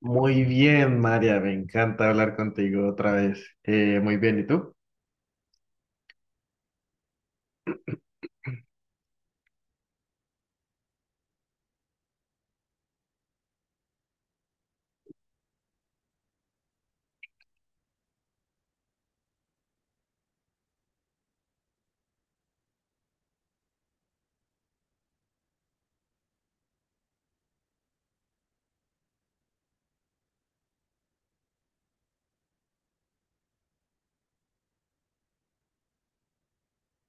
Muy bien, María, me encanta hablar contigo otra vez. Muy bien, ¿y tú?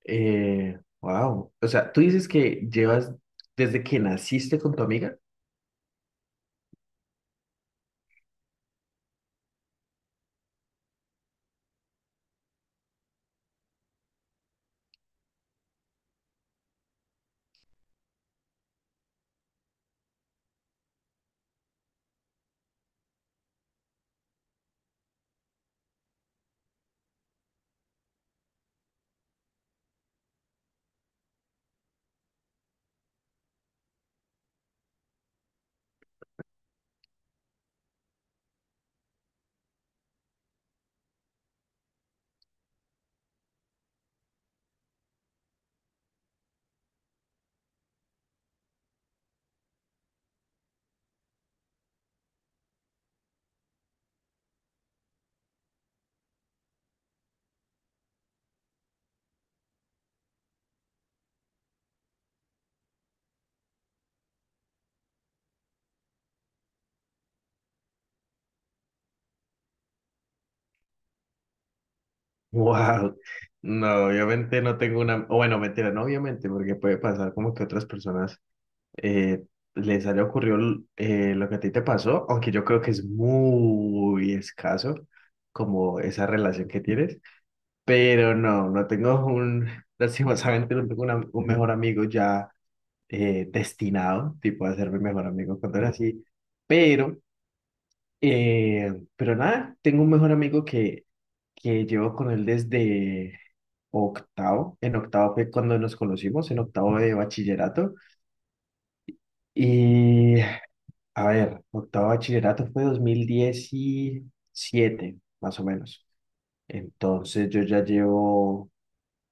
Wow. O sea, tú dices que llevas desde que naciste con tu amiga. Wow. No, obviamente no tengo una. O bueno, mentira, no, obviamente, porque puede pasar como que otras personas eh, les haya ocurrido lo que a ti te pasó, aunque yo creo que es muy escaso como esa relación que tienes. Pero no, no tengo un. Lastimosamente, no tengo un mejor amigo ya destinado, tipo, a ser mi mejor amigo cuando era así. Pero, pero nada, tengo un mejor amigo que llevo con él desde octavo. En octavo fue cuando nos conocimos, en octavo de bachillerato. Y, a ver, octavo de bachillerato fue 2017 más o menos. Entonces yo ya llevo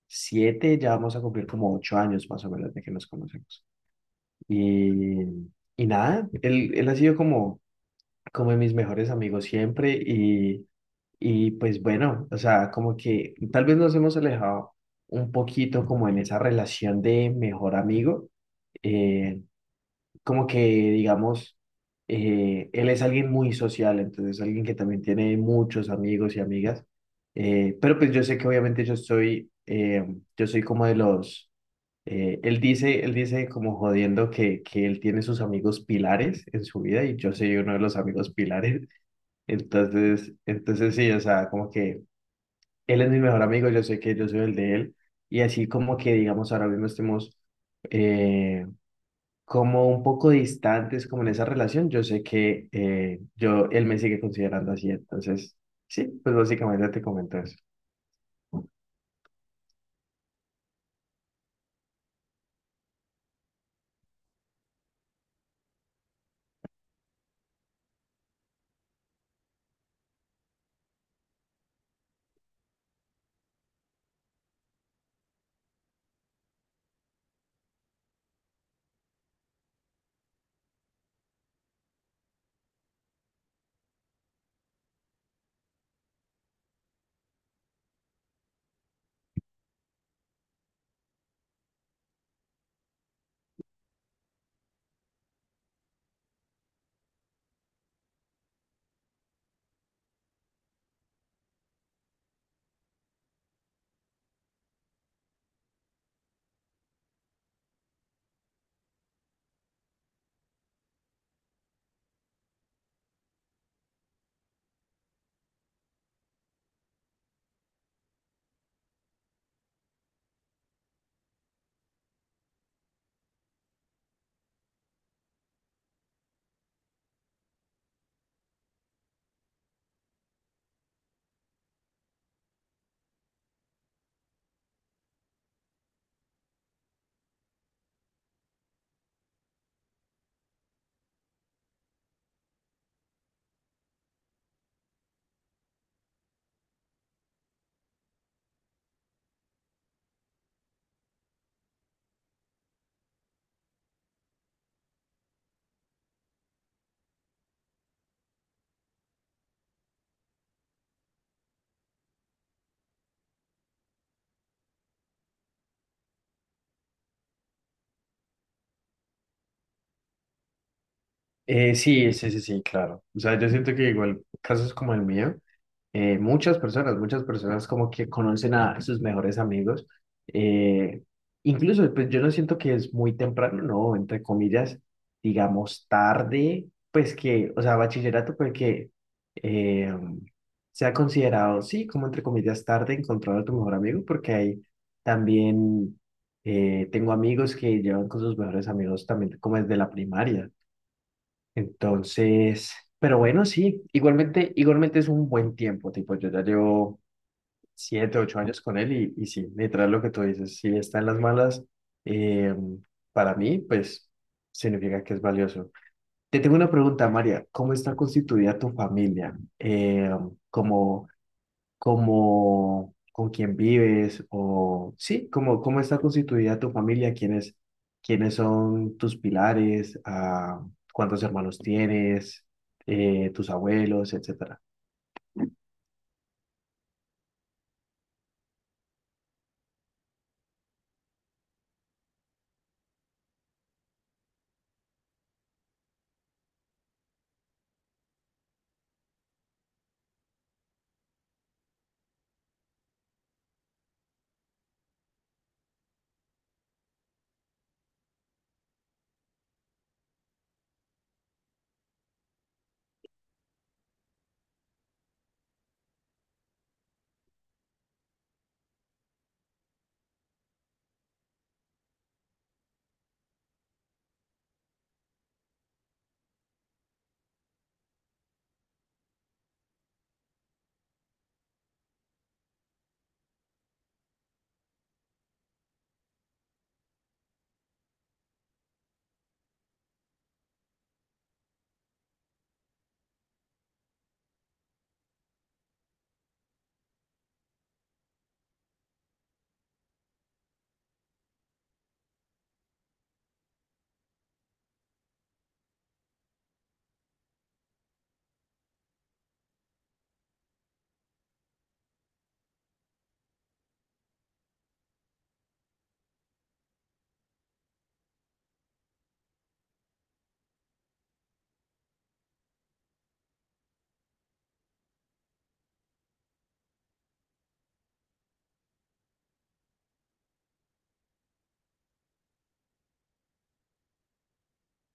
siete, ya vamos a cumplir como 8 años más o menos de que nos conocemos. Y, y nada, él ha sido como, como de mis mejores amigos siempre y pues bueno, o sea, como que tal vez nos hemos alejado un poquito como en esa relación de mejor amigo, eh, como que digamos, él es alguien muy social, entonces alguien que también tiene muchos amigos y amigas, pero pues yo sé que obviamente yo yo soy como de los, él dice como jodiendo que él tiene sus amigos pilares en su vida y yo soy uno de los amigos pilares. Entonces sí, o sea, como que él es mi mejor amigo, yo sé que yo soy el de él. Y así como que, digamos, ahora mismo estemos eh, como un poco distantes como en esa relación, yo sé que él me sigue considerando así. Entonces, sí, pues básicamente te comento eso. Sí, sí, sí, sí, claro. O sea, yo siento que igual casos como el mío, muchas personas como que conocen a sus mejores amigos. eh, incluso, pues yo no siento que es muy temprano, no, entre comillas, digamos tarde, pues que, o sea, bachillerato, pues que eh, sea considerado, sí, como entre comillas tarde encontrar a tu mejor amigo, porque hay también, tengo amigos que llevan con sus mejores amigos también como desde la primaria. Entonces, pero bueno, sí, igualmente, igualmente es un buen tiempo, tipo, yo ya llevo siete, 8 años con él y sí, literal lo que tú dices, si está en las malas, eh, para mí, pues significa que es valioso. Te tengo una pregunta, María, ¿cómo está constituida tu familia? Como como con quién vives o sí, como cómo está constituida tu familia, quiénes son tus pilares, ah, cuántos hermanos tienes, tus abuelos, etcétera.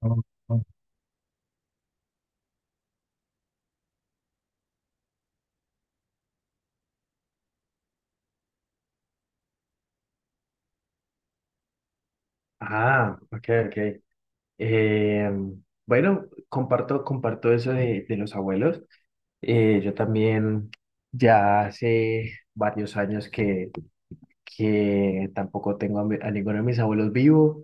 Oh, oh. Ah, ok, ok. Eh, bueno, comparto eso de los abuelos. Yo también ya hace varios años que tampoco tengo a ninguno de mis abuelos vivo.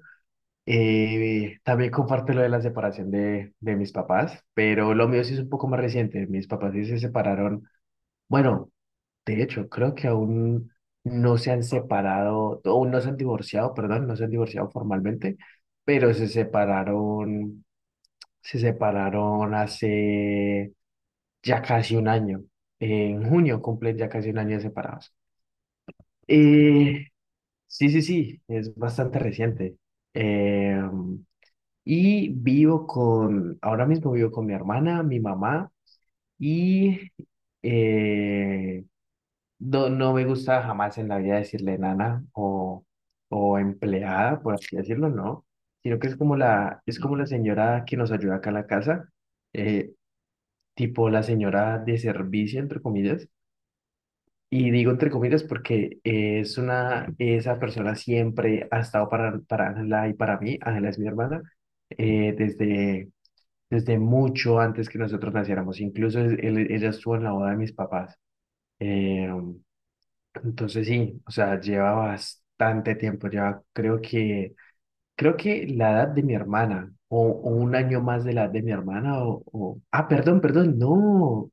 También comparto lo de la separación de mis papás, pero lo mío sí es un poco más reciente. Mis papás sí se separaron. Bueno, de hecho, creo que aún no se han separado, aún no se han divorciado, perdón, no se han divorciado formalmente, pero se separaron hace ya casi un año. En junio cumplen ya casi un año de separados. Eh, sí, sí, sí, es bastante reciente. Eh, Y vivo con, ahora mismo vivo con mi hermana, mi mamá y eh, no, no me gusta jamás en la vida decirle nana o empleada, por así decirlo, no, sino que es como la señora que nos ayuda acá en la casa, eh, tipo la señora de servicio, entre comillas. Y digo entre comillas porque es una, esa persona siempre ha estado para Ángela y para mí, Ángela es mi hermana, eh, desde desde mucho antes que nosotros naciéramos. Incluso ella estuvo en la boda de mis papás. Eh, entonces sí, o sea, lleva bastante tiempo. Lleva, creo que la edad de mi hermana o un año más de la edad de mi hermana ah, perdón, perdón, no,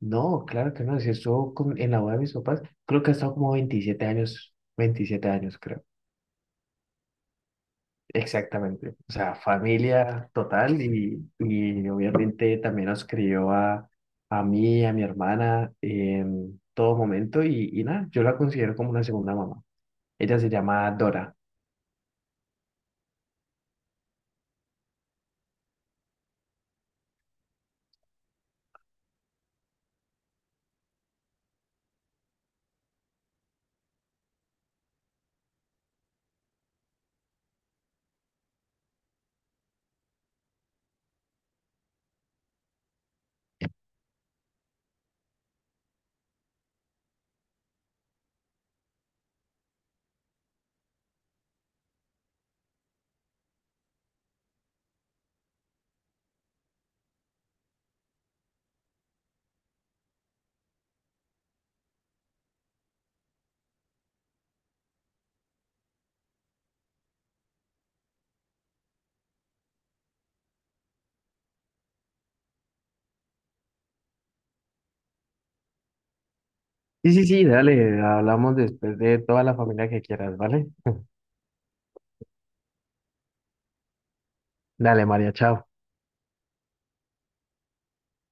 no, claro que no. Si estuvo en la boda de mis papás, creo que ha estado como 27 años, 27 años, creo. Exactamente, o sea, familia total y obviamente también nos crió a mí, a mi hermana en todo momento y nada, yo la considero como una segunda mamá. Ella se llama Dora. Sí, sí, sí, dale, hablamos después de toda la familia que quieras, ¿vale? Dale, María, chao.